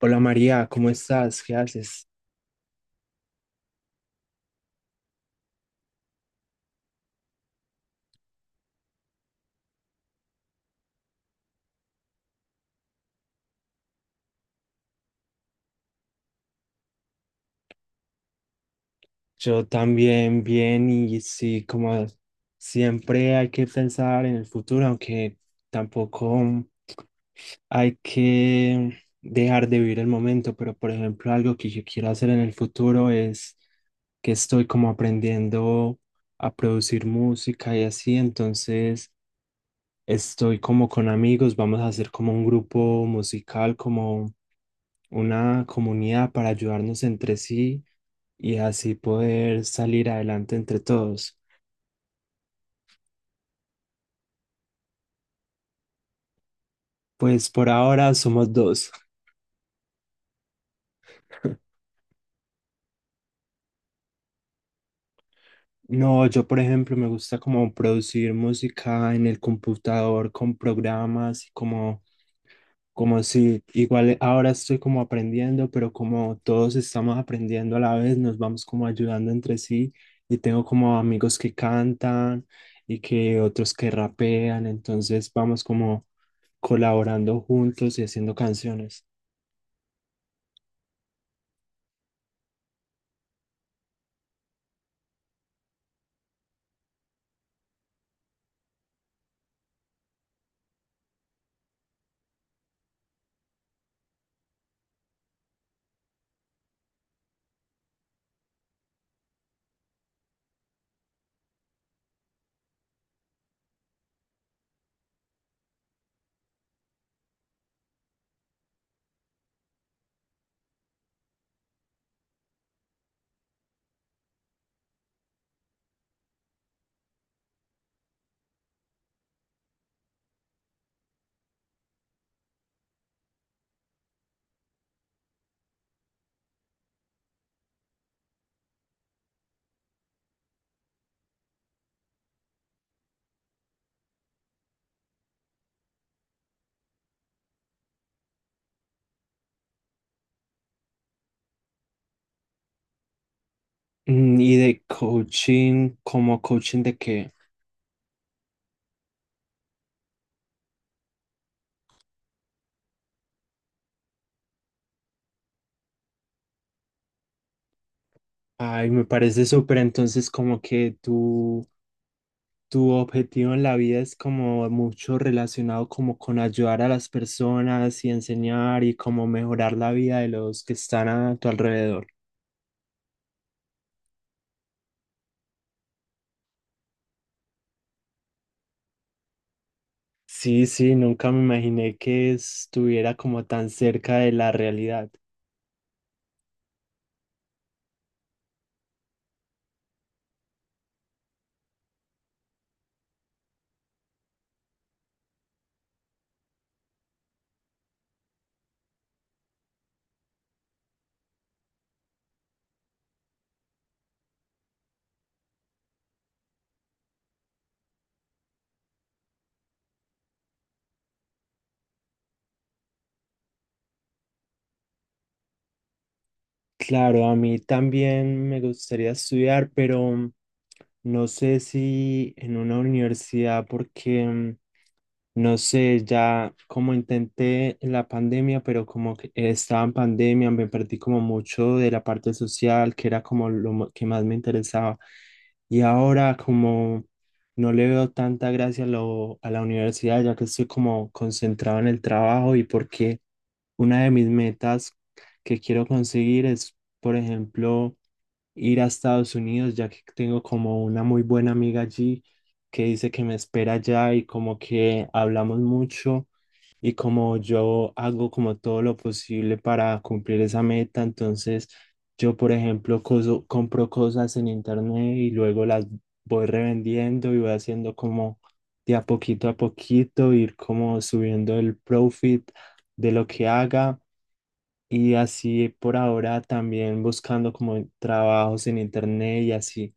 Hola María, ¿cómo estás? ¿Qué haces? Yo también bien y sí, como siempre hay que pensar en el futuro, aunque tampoco hay que dejar de vivir el momento, pero por ejemplo algo que yo quiero hacer en el futuro es que estoy como aprendiendo a producir música y así, entonces estoy como con amigos, vamos a hacer como un grupo musical, como una comunidad para ayudarnos entre sí y así poder salir adelante entre todos. Pues por ahora somos dos. No, yo por ejemplo me gusta como producir música en el computador con programas y como. Como si igual ahora estoy como aprendiendo, pero como todos estamos aprendiendo a la vez, nos vamos como ayudando entre sí y tengo como amigos que cantan y que otros que rapean, entonces vamos como colaborando juntos y haciendo canciones. Mm, y de coaching, como coaching de que, ay, me parece súper, entonces como que tú, tu objetivo en la vida es como mucho relacionado como con ayudar a las personas y enseñar y como mejorar la vida de los que están a tu alrededor. Sí, sí, nunca me imaginé que estuviera como tan cerca de la realidad. Claro, a mí también me gustaría estudiar, pero no sé si en una universidad porque no sé, ya como intenté la pandemia, pero como que estaba en pandemia, me perdí como mucho de la parte social, que era como que más me interesaba. Y ahora como no le veo tanta gracia a, a la universidad, ya que estoy como concentrado en el trabajo y porque una de mis metas que quiero conseguir es, por ejemplo, ir a Estados Unidos, ya que tengo como una muy buena amiga allí que dice que me espera allá y como que hablamos mucho y como yo hago como todo lo posible para cumplir esa meta, entonces yo, por ejemplo, compro cosas en internet y luego las voy revendiendo y voy haciendo como de a poquito, ir como subiendo el profit de lo que haga. Y así por ahora también buscando como trabajos en internet y así.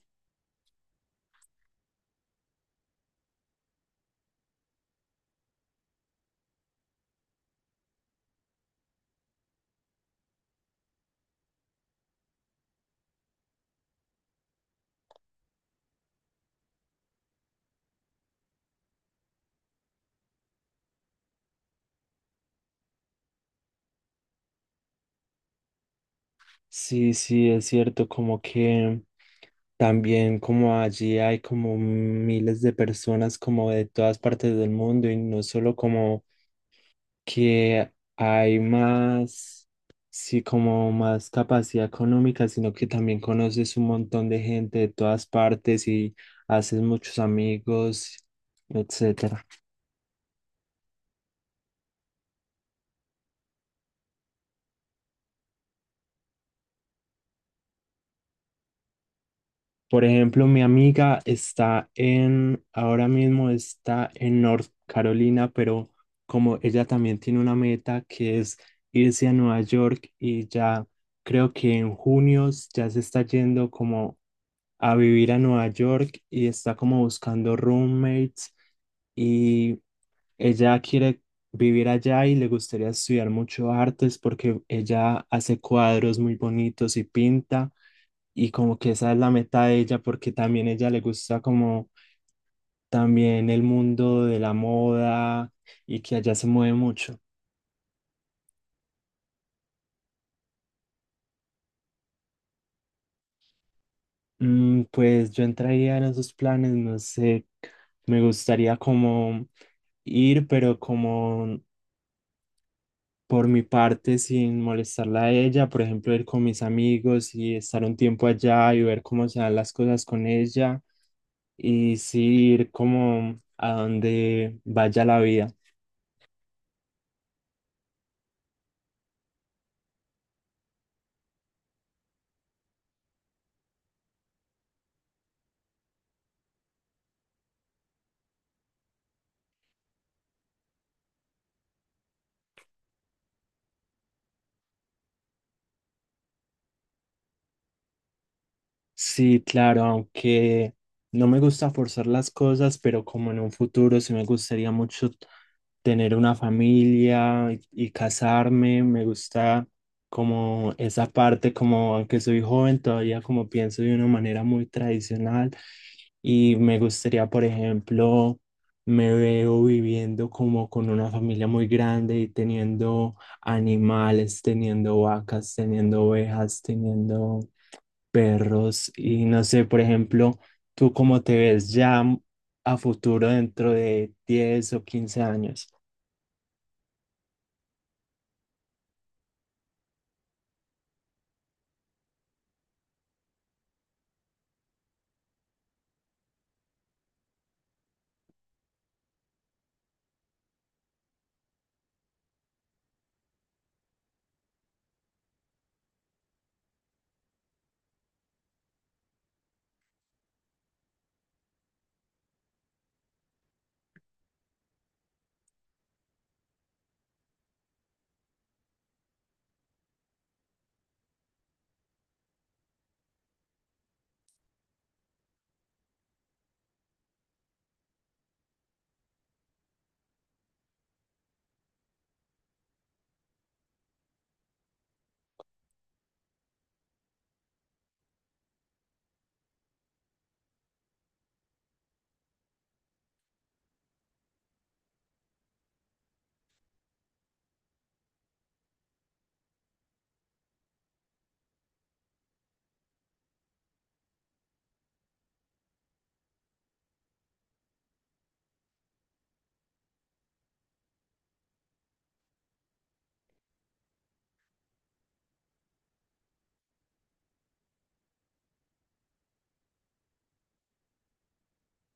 Sí, sí, es cierto, como que también como allí hay como miles de personas como de todas partes del mundo y no solo como que hay más, sí, como más capacidad económica, sino que también conoces un montón de gente de todas partes y haces muchos amigos, etcétera. Por ejemplo, mi amiga está en, ahora mismo está en North Carolina, pero como ella también tiene una meta que es irse a Nueva York y ya creo que en junio ya se está yendo como a vivir a Nueva York y está como buscando roommates y ella quiere vivir allá y le gustaría estudiar mucho artes porque ella hace cuadros muy bonitos y pinta y como que esa es la meta de ella porque también ella le gusta como también el mundo de la moda y que allá se mueve mucho. Mm, pues yo entraría en esos planes, no sé, me gustaría como ir, pero como por mi parte sin molestarla a ella, por ejemplo, ir con mis amigos y estar un tiempo allá y ver cómo se dan las cosas con ella y sí ir como a donde vaya la vida. Sí, claro, aunque no me gusta forzar las cosas, pero como en un futuro sí me gustaría mucho tener una familia y casarme, me gusta como esa parte, como aunque soy joven, todavía como pienso de una manera muy tradicional y me gustaría, por ejemplo, me veo viviendo como con una familia muy grande y teniendo animales, teniendo vacas, teniendo ovejas, teniendo perros y no sé, por ejemplo, ¿tú cómo te ves ya a futuro dentro de 10 o 15 años?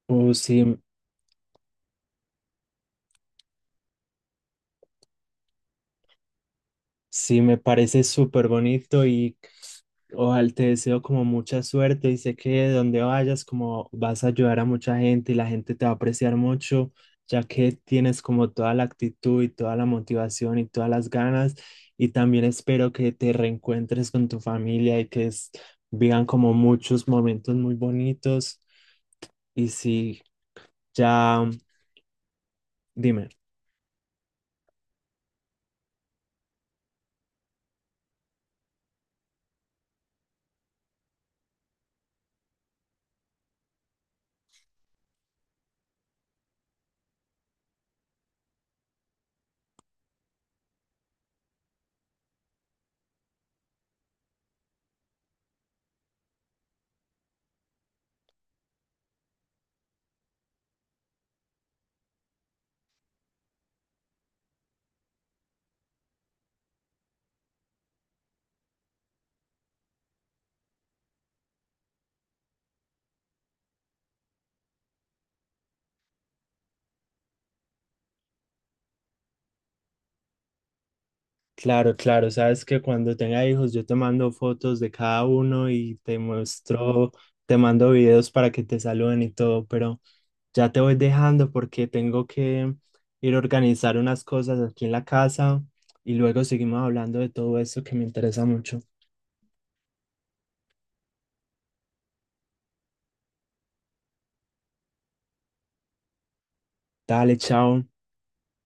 O sí, sí me parece súper bonito y ojalá, te deseo como mucha suerte y sé que donde vayas como vas a ayudar a mucha gente y la gente te va a apreciar mucho, ya que tienes como toda la actitud y toda la motivación y todas las ganas. Y también espero que te reencuentres con tu familia y que vivan como muchos momentos muy bonitos. Y sí, ya, dime. Claro, claro, sabes que cuando tenga hijos yo te mando fotos de cada uno y te muestro, te mando videos para que te saluden y todo, pero ya te voy dejando porque tengo que ir a organizar unas cosas aquí en la casa y luego seguimos hablando de todo eso que me interesa mucho. Dale, chao.